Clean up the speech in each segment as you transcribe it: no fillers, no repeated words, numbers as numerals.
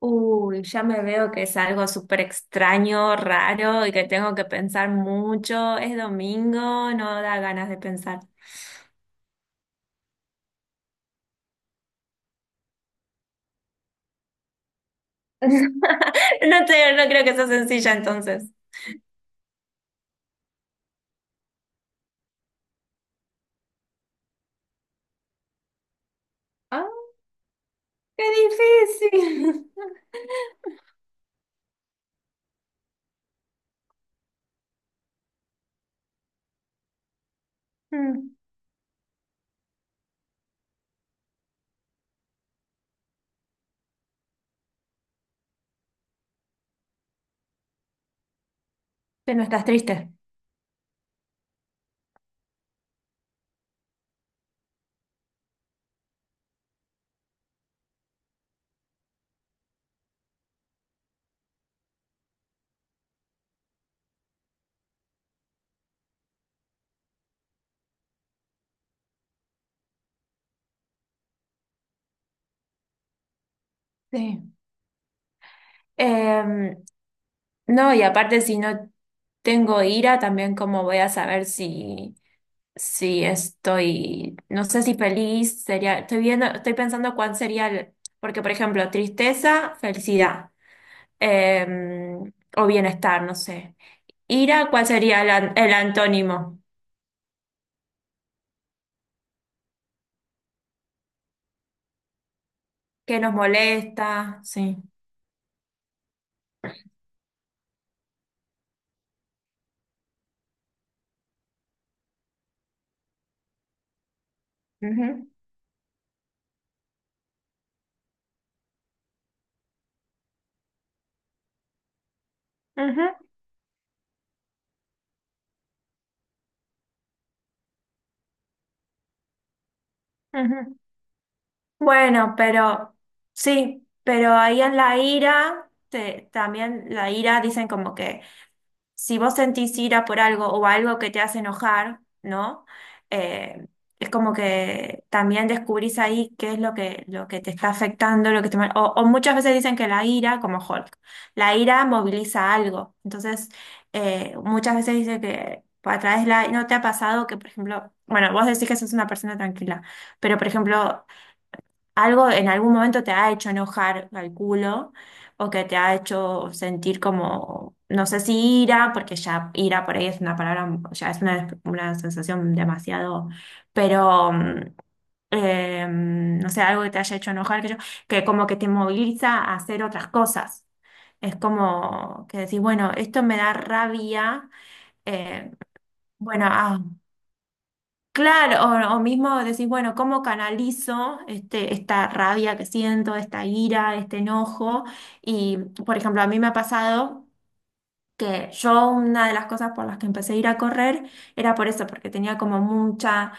Uy, ya me veo que es algo súper extraño, raro y que tengo que pensar mucho. Es domingo, no da ganas de pensar. No creo que sea sencilla entonces. ¡Ah, qué difícil! Mm, Pero no estás triste. Sí. Em, no, y aparte si no tengo ira, también cómo voy a saber si... Sí, estoy, no sé si feliz sería, estoy viendo, estoy pensando cuál sería el, porque por ejemplo, tristeza, felicidad, eh, o bienestar, no sé. Ira, ¿cuál sería el, el antónimo? ¿Qué nos molesta? Sí. Ujú, ujú, ujú. Bueno, pero sí, pero ahí en la ira, también la ira dicen como que si vos sentís ira por algo o algo que te hace enojar, ¿no? Eh, es como que también descubrís ahí qué es lo que te está afectando, lo que te o muchas veces dicen que la ira, como Hulk, la ira moviliza algo. Entonces, muchas veces dice que a través de la... ¿No te ha pasado que, por ejemplo, bueno, vos decís que sos una persona tranquila, pero, por ejemplo, algo en algún momento te ha hecho enojar, calculo, o que te ha hecho sentir como, no sé si ira, porque ya ira por ahí es una palabra, ya es una sensación demasiado, pero no sé, algo que te haya hecho enojar, que, yo, que como que te moviliza a hacer otras cosas. Es como que decís, bueno, esto me da rabia, eh, bueno, ah. Claro, o mismo decís, bueno, ¿cómo canalizo este, esta rabia que siento, esta ira, este enojo? Y, por ejemplo, a mí me ha pasado que yo una de las cosas por las que empecé a ir a correr era por eso, porque tenía como mucha,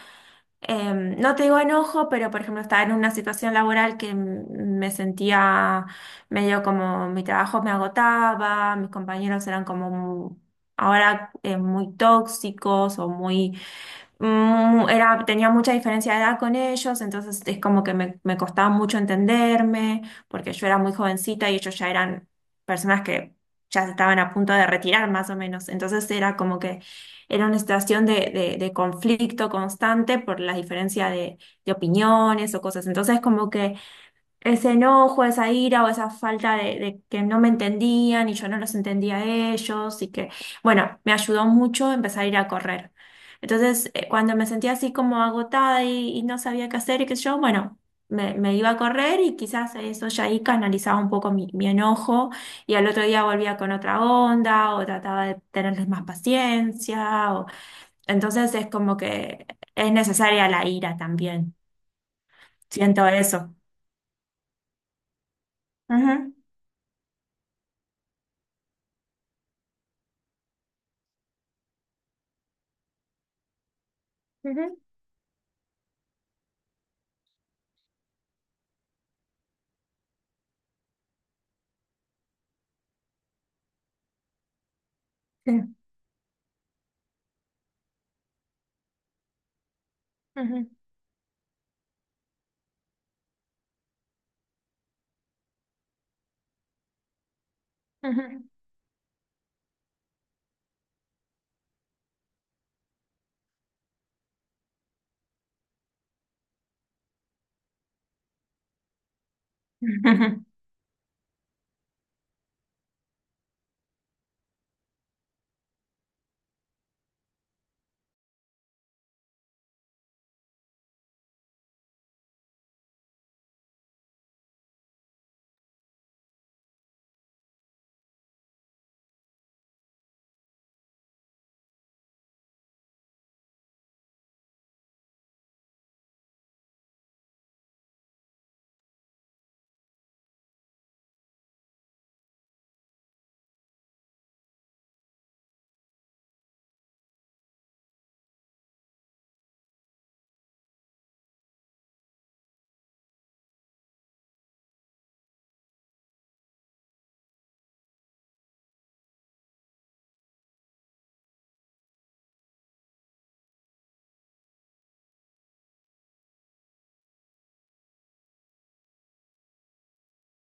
no te digo enojo, pero, por ejemplo, estaba en una situación laboral que me sentía medio como mi trabajo me agotaba, mis compañeros eran como... Ahora muy tóxicos o muy era, tenía mucha diferencia de edad con ellos, entonces es como que me costaba mucho entenderme, porque yo era muy jovencita y ellos ya eran personas que ya se estaban a punto de retirar más o menos. Entonces era como que era una situación de, de conflicto constante por la diferencia de opiniones o cosas. Entonces como que ese enojo, esa ira o esa falta de que no me entendían y yo no los entendía a ellos y que, bueno, me ayudó mucho empezar a ir a correr. Entonces, cuando me sentía así como agotada y no sabía qué hacer y qué sé yo, bueno, me iba a correr y quizás eso ya ahí canalizaba un poco mi, mi enojo y al otro día volvía con otra onda o trataba de tenerles más paciencia. O... Entonces es como que es necesaria la ira también. Siento eso. Ujú, ujú. Sí. Ujú, ujú, ujú,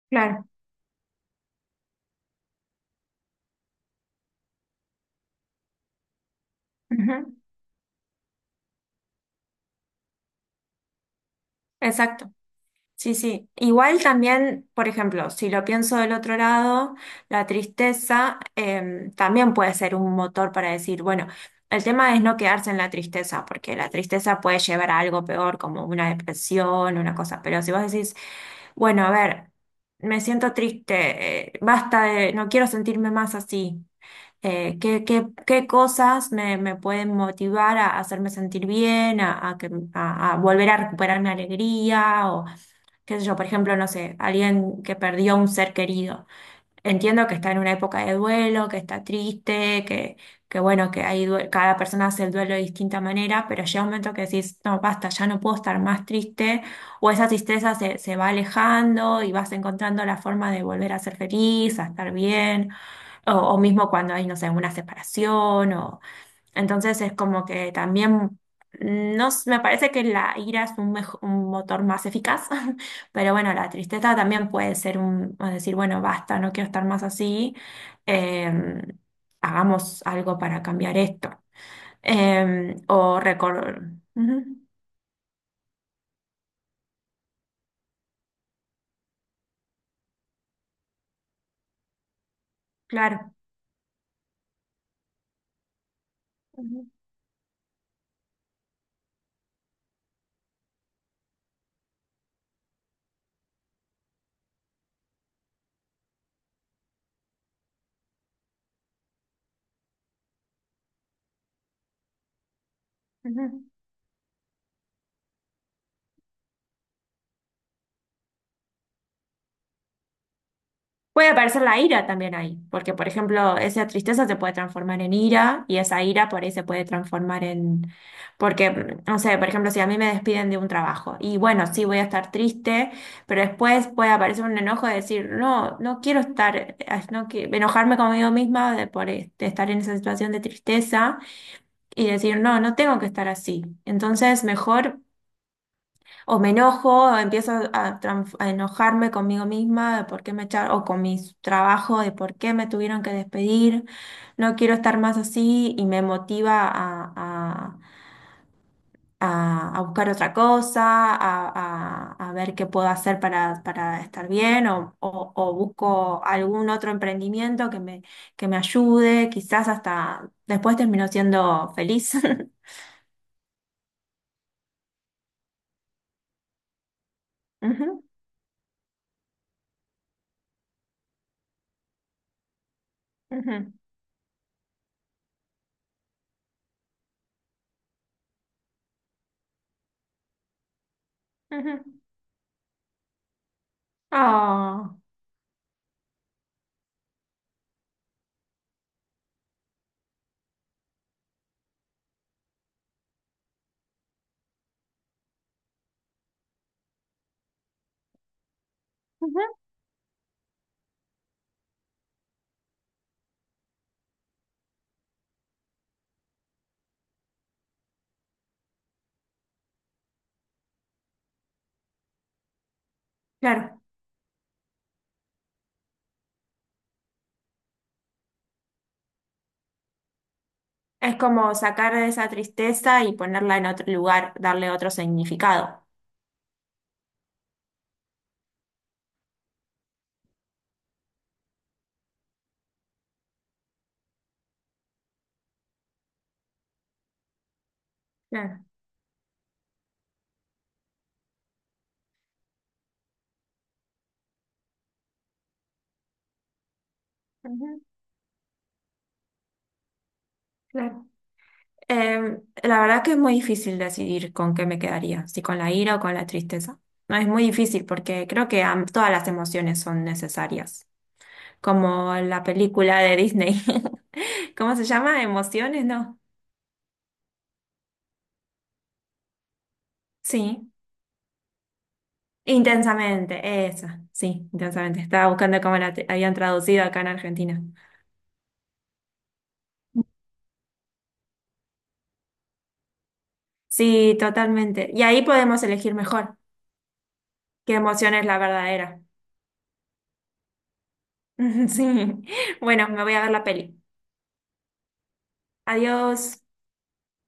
claro, ujú, exacto. Sí, sí. Igual también, por ejemplo, si lo pienso del otro lado, la tristeza también puede ser un motor para decir, bueno, el tema es no quedarse en la tristeza, porque la tristeza puede llevar a algo peor, como una depresión, una cosa. Pero si vos decís, bueno, a ver, me siento triste, basta de, no quiero sentirme más así. Qué qué cosas me, me pueden motivar a hacerme sentir bien, a que, a volver a recuperar mi alegría, o qué sé yo, por ejemplo, no sé, alguien que perdió un ser querido. Entiendo que está en una época de duelo, que está triste, que bueno, que hay cada persona hace el duelo de distinta manera, pero llega un momento que decís, no, basta, ya no puedo estar más triste, o esa tristeza se, se va alejando y vas encontrando la forma de volver a ser feliz, a estar bien. O mismo cuando hay, no sé, una separación, o entonces es como que también no s- me parece que la ira es un, un motor más eficaz, pero bueno, la tristeza también puede ser un o decir, bueno, basta, no quiero estar más así, em, hagamos algo para cambiar esto. O recordar. Claro. Ujú, ujú. Puede aparecer la ira también ahí, porque por ejemplo, esa tristeza se puede transformar en ira y esa ira por ahí se puede transformar en... Porque, no sé, por ejemplo, si a mí me despiden de un trabajo y bueno, sí voy a estar triste, pero después puede aparecer un enojo de decir, no, no quiero estar, no qui- enojarme conmigo misma de por este, estar en esa situación de tristeza y decir, no, no tengo que estar así. Entonces, mejor o me enojo, o empiezo a enojarme conmigo misma de por qué me echaron, o con mi trabajo de por qué me tuvieron que despedir. No quiero estar más así y me motiva a, a buscar otra cosa, a, a ver qué puedo hacer para estar bien, o, o busco algún otro emprendimiento que me ayude. Quizás hasta después termino siendo feliz. Ujú, ujú, ujú. Ah, ujú, claro. Es como sacar de esa tristeza y ponerla en otro lugar, darle otro significado. Claro, ujú. Claro. La verdad que es muy difícil decidir con qué me quedaría, si con la ira o con la tristeza. No, es muy difícil porque creo que todas las emociones son necesarias, como la película de Disney. ¿Cómo se llama? ¿Emociones? No. Sí, intensamente, esa, sí, intensamente. Estaba buscando cómo la habían traducido acá en Argentina. Sí, totalmente. Y ahí podemos elegir mejor. Qué emoción es la verdadera. Sí. Bueno, me voy a ver la peli. Adiós.